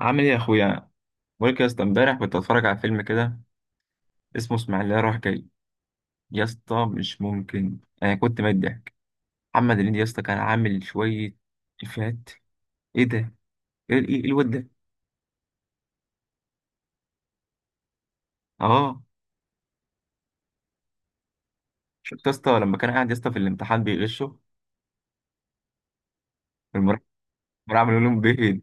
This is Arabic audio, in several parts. عامل ايه يا اخويا؟ بقولك يا اسطى، امبارح كنت اتفرج على فيلم كده، اسمه اسماعيليه رايح جاي. يا اسطى مش ممكن، انا كنت ميت ضحك. محمد هنيدي يا اسطى كان عامل شويه افيهات. ايه ده؟ ايه ايه إيه الواد ده؟ اه. شفت يا اسطى لما كان قاعد يا اسطى في الامتحان بيغشه المراقب؟ عامل لهم بيض.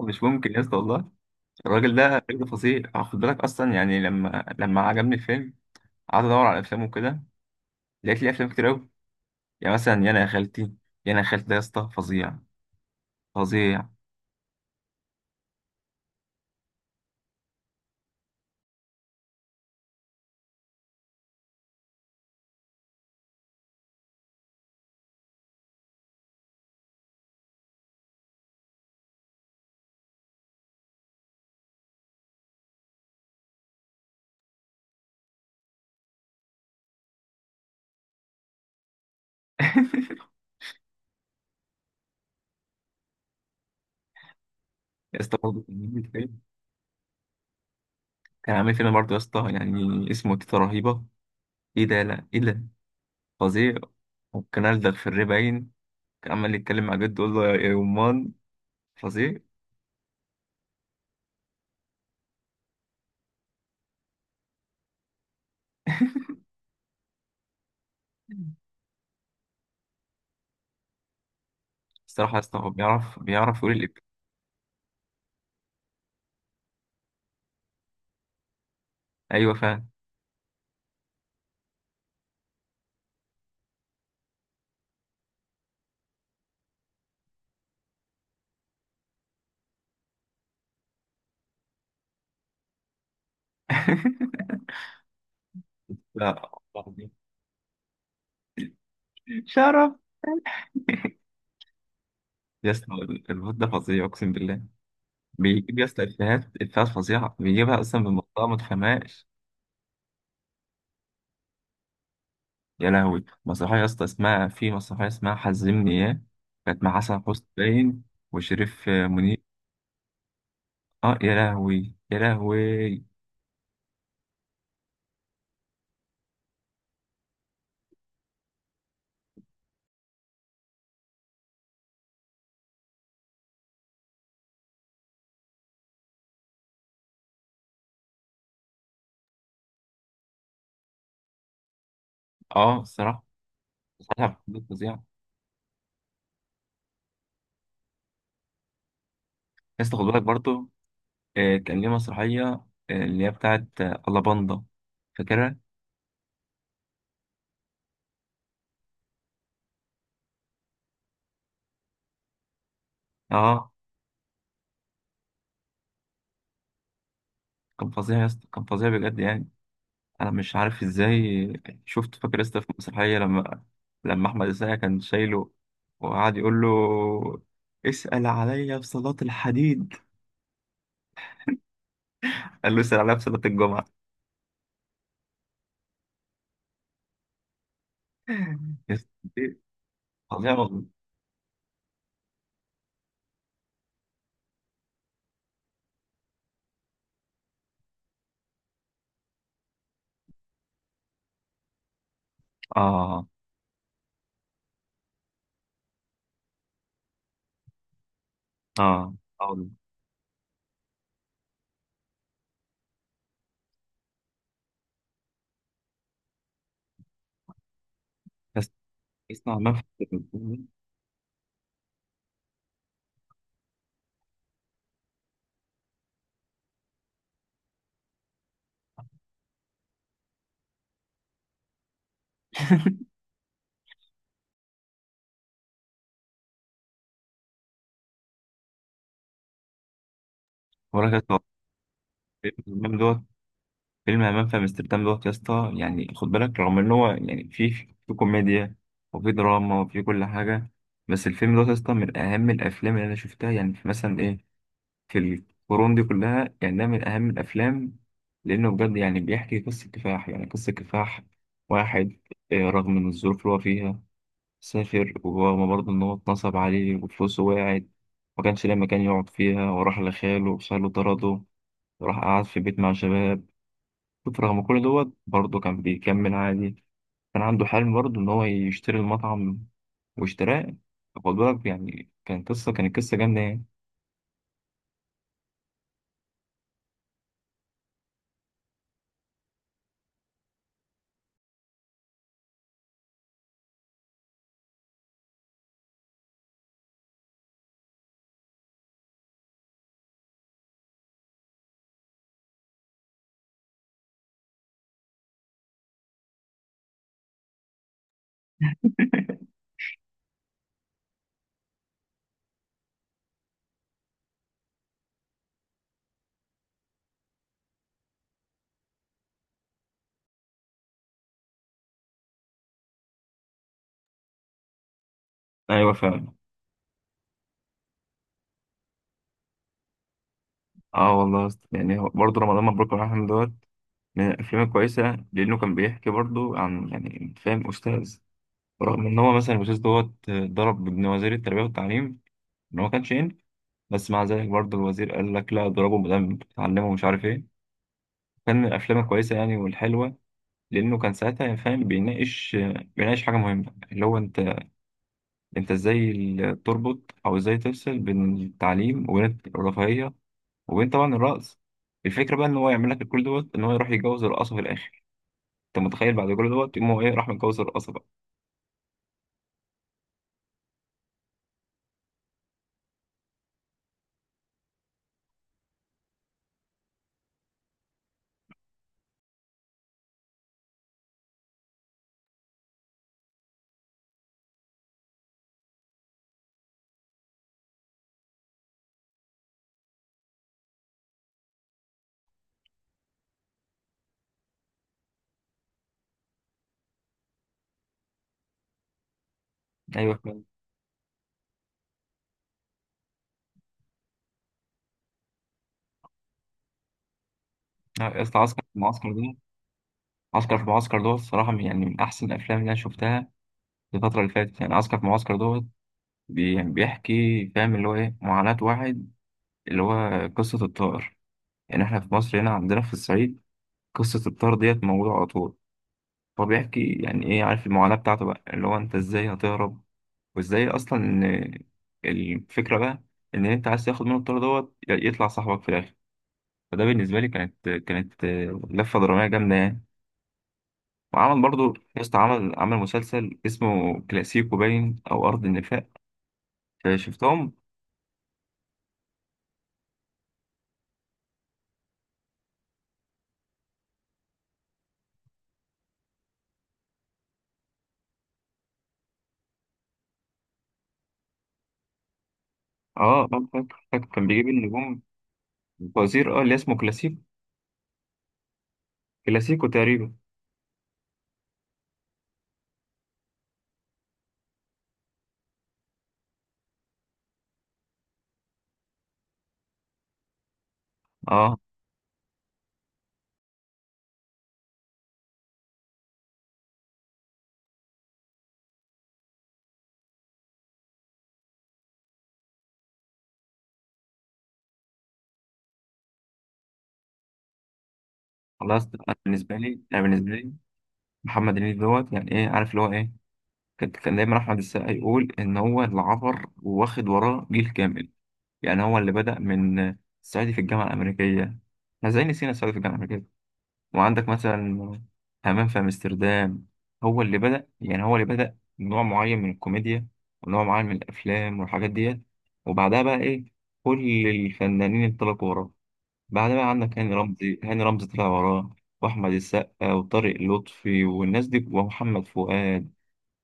مش ممكن يا اسطى والله. الراجل ده الراجل ده فظيع آه، خد بالك اصلا يعني، لما عجبني الفيلم، قعدت ادور على افلامه كده، لقيت لي افلام كتير قوي. يعني مثلا يانا يا خالتي. يانا يا خالتي ده يا اسطى فظيع. فظيع. يا اسطى برضه كان عامل فيلم، كان عامل فيلم برضه يا اسطى يعني، اسمه تيتا رهيبة. ايه ده؟ لا، ايه ده؟ فظيع. وكان ألدغ في الري باين، كان عمال يتكلم مع جده يقول له يا يمان. فظيع. الصراحة يا اسطى هو بيعرف، بيعرف يقول الإب. أيوة فعلا. لا. عظيم. شرف يا اسطى، الواد ده فظيع أقسم بالله. بيجيب يا اسطى إفيهات، إفيهات فظيعة، بيجيبها أصلا من منطقة ما تفهمهاش. يا لهوي مسرحية يا اسطى اسمها، في مسرحية اسمها حزمني اياه، كانت مع حسن حسني باين وشريف منير. اه يا لهوي يا لهوي. اه الصراحة، مسرحية فظيعة. يا اسطى خد بالك برضه، آه كان ليه مسرحية اللي هي بتاعت الله باندا، فاكرها؟ اه. كان فظيع يا اسطى، كان فظيع بجد يعني. انا مش عارف ازاي. شفت، فاكر يا اسطى في المسرحية، لما احمد السقا كان شايله وقعد يقول له، اسأل عليا في صلاة الحديد؟ قال له يسأل عليها في صلاة الجمعة. يس- دي فظيعة والله. آه آه آه والله. بس اسمع، همام في امستردام، ولا كده، همام دوت. فيلم همام في امستردام دوت يا اسطى، يعني خد بالك رغم ان هو يعني فيه في كوميديا وفي دراما وفي كل حاجة، بس الفيلم دوت يا اسطى من أهم الأفلام اللي أنا شفتها، يعني في مثلا إيه، في القرون دي كلها، يعني ده من أهم الأفلام، لأنه بجد يعني بيحكي قصة كفاح، يعني قصة كفاح واحد آه، رغم من الظروف اللي هو فيها سافر، ورغم برضه إن هو اتنصب عليه وفلوسه وقعت، ما كانش ليه مكان يقعد فيها، وراح لخاله وخاله طرده، وراح قعد في بيت مع شباب. شوف رغم كل دوت برضه كان بيكمل عادي، كان عنده حلم برضه إن هو يشتري المطعم، واشتراه. خد بالك يعني، كانت قصة جامدة يعني. أيوة فعلا. اه والله يا اسطى. يعني هو برضه رمضان مبروك الرحمن دوت من الأفلام الكويسة، لأنه كان بيحكي برضه عن، يعني فاهم، أستاذ، رغم إن هو مثلا الأستاذ دوت ضرب ابن وزير التربية والتعليم، ان هو كان شين، بس مع ذلك برضه الوزير قال لك لا، اضربه ما دام بتعلمه، مش عارف ايه. كان من الافلام الكويسه يعني والحلوه، لانه كان ساعتها يعني فاهم، بيناقش حاجه مهمه، اللي هو انت ازاي تربط او ازاي تفصل بين التعليم وبين الرفاهيه، وبين طبعا الرقص. الفكره بقى ان هو يعمل لك كل دوت، ان هو يروح يتجوز الرقاصه في الاخر. انت متخيل بعد كل دوت يقوم هو ايه، راح متجوز الرقاصه بقى. ايوه فاهم. لا، يا اسطى عسكر في المعسكر ده، عسكر في المعسكر دوت الصراحه، يعني من احسن الافلام اللي انا شفتها الفترة اللي فاتت، يعني عسكر في المعسكر دوت بيحكي فاهم اللي هو ايه معاناة واحد، اللي هو قصة الطائر. يعني احنا في مصر هنا، عندنا في الصعيد قصة الطائر ديت موجودة على طول. هو بيحكي يعني ايه، عارف المعاناة بتاعته بقى، اللي هو انت ازاي هتهرب وازاي اصلا إن، الفكرة بقى ان انت عايز تاخد منه الطائر دوت، يطلع صاحبك في الاخر. فده بالنسبة لي كانت لفة درامية جامدة يعني. وعمل برضه يسطا، عمل مسلسل اسمه كلاسيكو باين او ارض النفاق. آه، شفتهم. اه آه، فاكر كان بيجيب النجوم، فوزير اه اللي اسمه كلاسيكو. كلاسيكو تقريبا. اه. خلاص انا بالنسبه لي، انا بالنسبه لي محمد هنيدي دوت يعني ايه، عارف اللي هو ايه، كان دايما احمد السقا يقول ان هو اللي عبر واخد وراه جيل كامل. يعني هو اللي بدأ من الصعيدي في الجامعه الامريكيه. احنا ازاي نسينا الصعيدي في الجامعه الامريكيه؟ وعندك مثلا همام في امستردام. هو اللي بدأ يعني، هو اللي بدأ نوع معين من الكوميديا ونوع معين من الافلام والحاجات ديت. وبعدها بقى ايه، كل الفنانين انطلقوا وراه. بعد بقى عندك هاني رمزي، هاني رمزي طلع وراه، واحمد السقا وطارق لطفي والناس دي ومحمد فؤاد،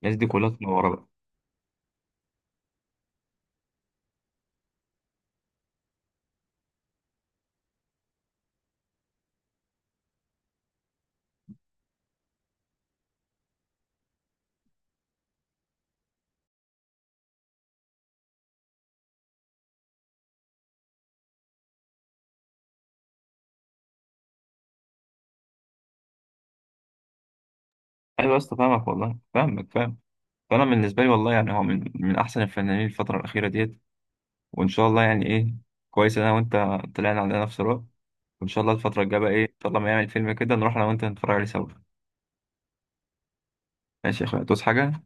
الناس دي كلها طلع وراه بقى. ايوه يا اسطى فاهمك والله، فاهمك فاهم. فانا بالنسبه لي والله يعني هو من احسن الفنانين الفتره الاخيره ديت. وان شاء الله يعني ايه، كويس انا وانت طلعنا على نفس الوقت، وان شاء الله الفتره الجايه بقى ايه، ان شاء الله ما يعمل فيلم كده نروح انا وانت نتفرج عليه سوا. ماشي يا اخويا، توس حاجه.